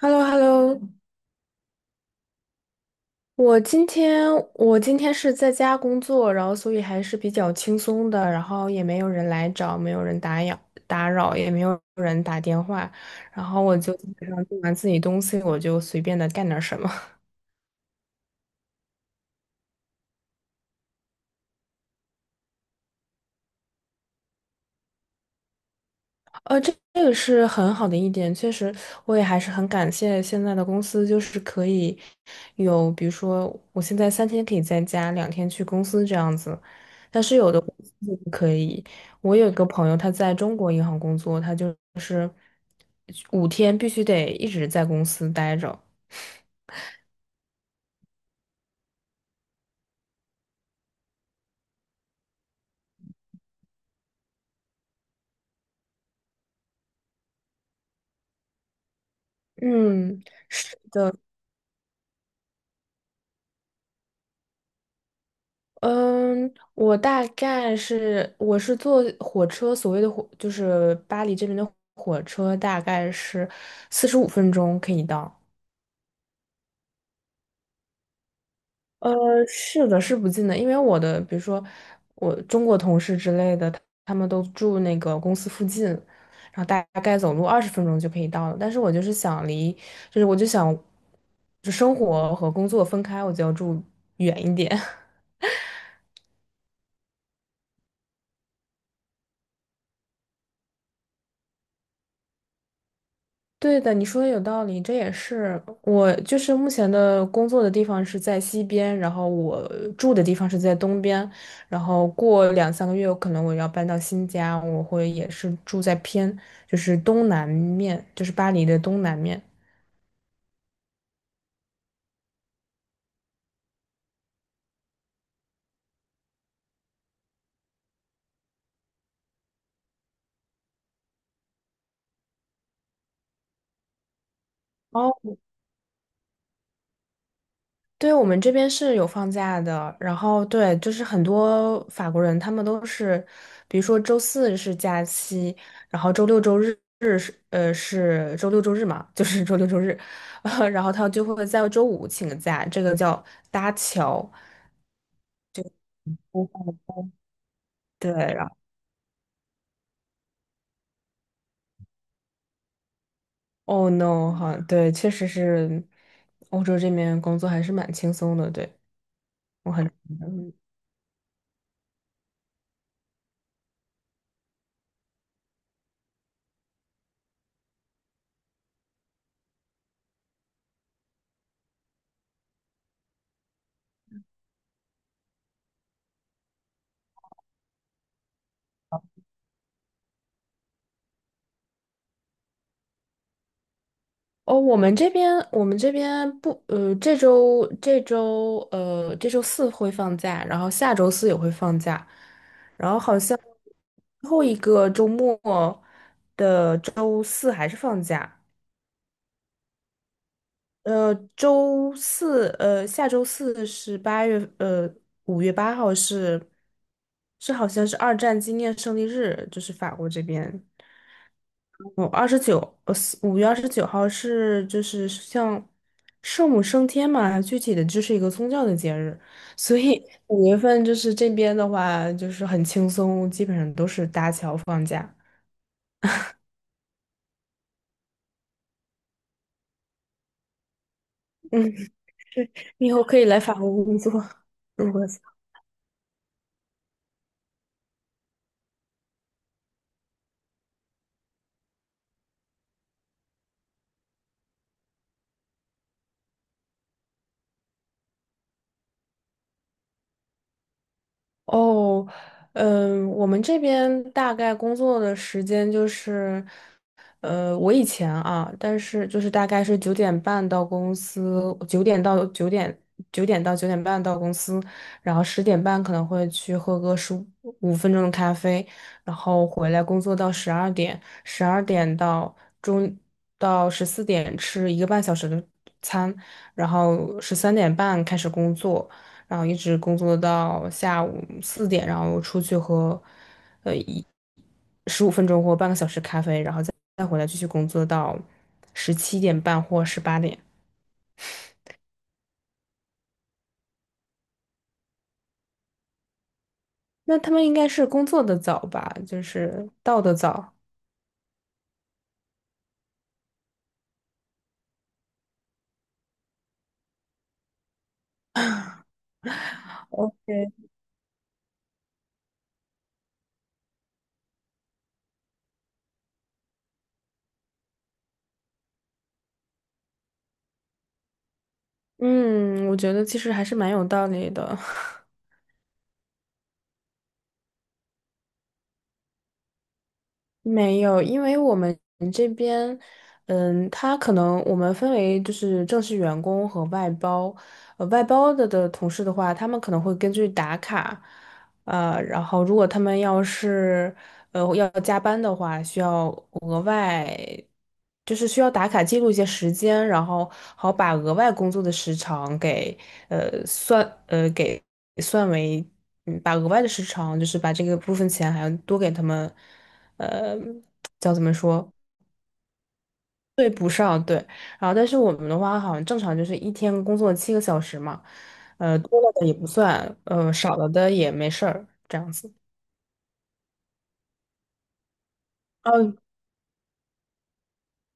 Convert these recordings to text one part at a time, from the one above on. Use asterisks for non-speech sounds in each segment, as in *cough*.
h e l l o h e l l o 我今天是在家工作，然后所以还是比较轻松的，然后也没有人来找，没有人打扰，也没有人打电话，然后我就基本上做完自己东西，我就随便的干点什么。这个是很好的一点，确实，我也还是很感谢现在的公司，就是可以有，比如说我现在3天可以在家，2天去公司这样子，但是有的公司就不可以。我有一个朋友，他在中国银行工作，他就是5天必须得一直在公司待着。嗯嗯，我是坐火车，所谓的火就是巴黎这边的火车，大概是45分钟可以到。呃，是的，是不近的，因为我的，比如说我中国同事之类的，他们都住那个公司附近，然后大概走路20分钟就可以到了。但是我就是想离，就是我就想，就生活和工作分开，我就要住远一点。*laughs* 对的，你说的有道理，这也是我就是目前的工作的地方是在西边，然后我住的地方是在东边，然后过两三个月可能我要搬到新家，我会也是住在偏就是东南面，就是巴黎的东南面。对，我们这边是有放假的，然后对，就是很多法国人他们都是，比如说周四是假期，然后周六周日是周六周日嘛，*laughs* 就是周六周日，*laughs* 然后他就会在周五请个假，这个叫搭桥。对，然后 oh no 哈，对，确实是欧洲这边工作还是蛮轻松的，对，我很。哦，我们这边不，这周四会放假，然后下周四也会放假，然后好像最后一个周末的周四还是放假，下周四是5月8号是好像是二战纪念胜利日，就是法国这边。我二十九，呃，5月29号是就是像圣母升天嘛，具体的就是一个宗教的节日，所以 *laughs* 五月份就是这边的话就是很轻松，基本上都是搭桥放假，你以后可以来法国工作，如果哦，嗯，我们这边大概工作的时间就是，我以前啊，但是就是大概是九点半到公司，9点到9点半到公司，然后10点半可能会去喝个十五分钟的咖啡，然后回来工作到十二点到中14点吃一个半小时的餐，然后13点半开始工作。然后一直工作到下午四点，然后出去喝呃一十五分钟或半个小时咖啡，然后再回来继续工作到17点半或18点。那他们应该是工作的早吧，就是到的早。OK，嗯，我觉得其实还是蛮有道理的。没有，因为我们这边，嗯，他可能我们分为就是正式员工和外包，外包的同事的话，他们可能会根据打卡，然后如果他们要是要加班的话，需要额外，就是需要打卡记录一些时间，然后好把额外工作的时长给算为，把额外的时长就是把这个部分钱还要多给他们。呃，叫怎么说？然后，但是我们的话，好像正常就是一天工作7个小时嘛，多了的也不算，少了的也没事儿，这样子。嗯，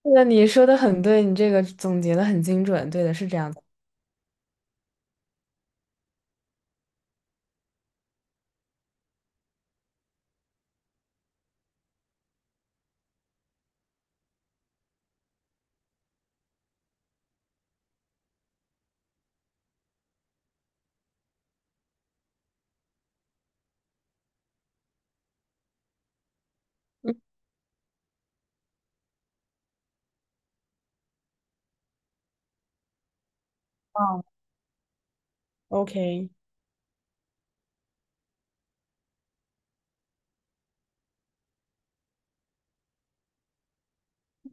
对的，你说的很对，你这个总结的很精准，对的，是这样子。嗯，OK。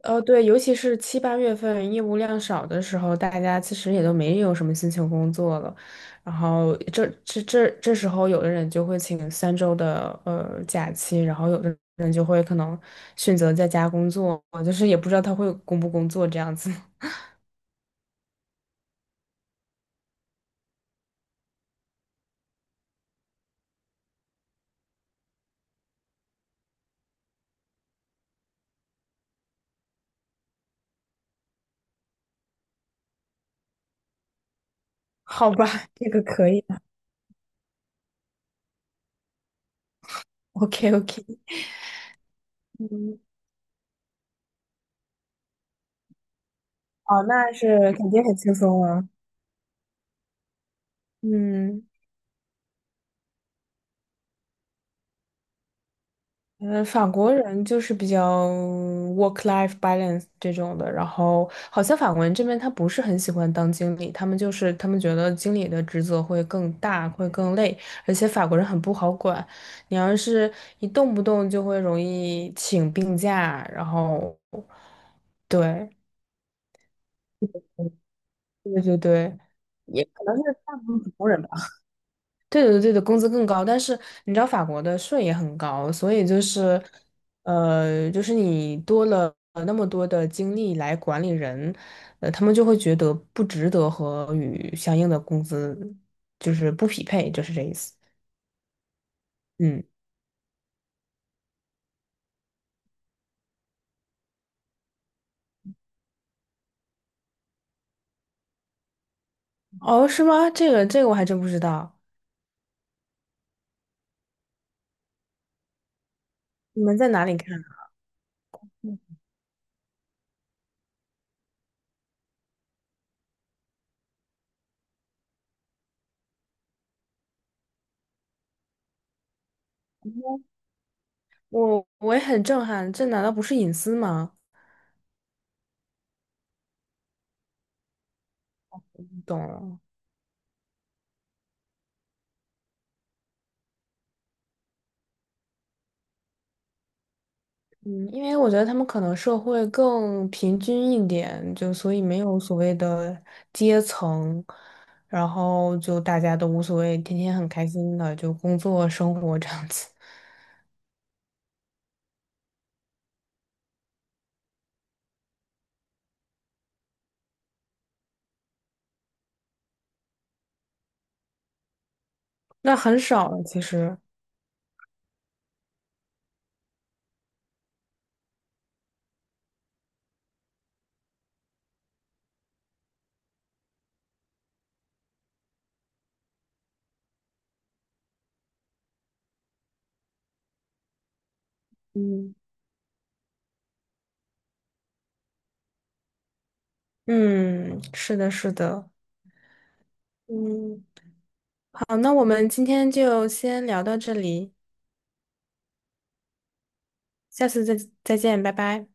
对，尤其是七八月份业务量少的时候，大家其实也都没有什么心情工作了。然后这时候，有的人就会请3周的假期，然后有的人就会可能选择在家工作，就是也不知道他会工不工作这样子。*laughs* 好吧，这个可以的。OK OK，嗯，哦，那是肯定很轻松了，嗯。嗯，法国人就是比较 work-life balance 这种的，然后好像法国人这边他不是很喜欢当经理，他们就是他们觉得经理的职责会更大，会更累，而且法国人很不好管，你要是一动不动就会容易请病假，然后对对对对，也可能是大部分法国人吧。对的，对的，工资更高，但是你知道法国的税也很高，所以就是，就是你多了那么多的精力来管理人，他们就会觉得不值得和与相应的工资就是不匹配，就是这意思。嗯，哦，是吗？这个这个我还真不知道，你们在哪里看啊我我也很震撼，这难道不是隐私吗？懂了嗯，因为我觉得他们可能社会更平均一点，就所以没有所谓的阶层，然后就大家都无所谓，天天很开心的就工作生活这样子，那很少了其实。嗯，嗯，是的，是的。嗯，好，那我们今天就先聊到这里，下次再见，拜拜。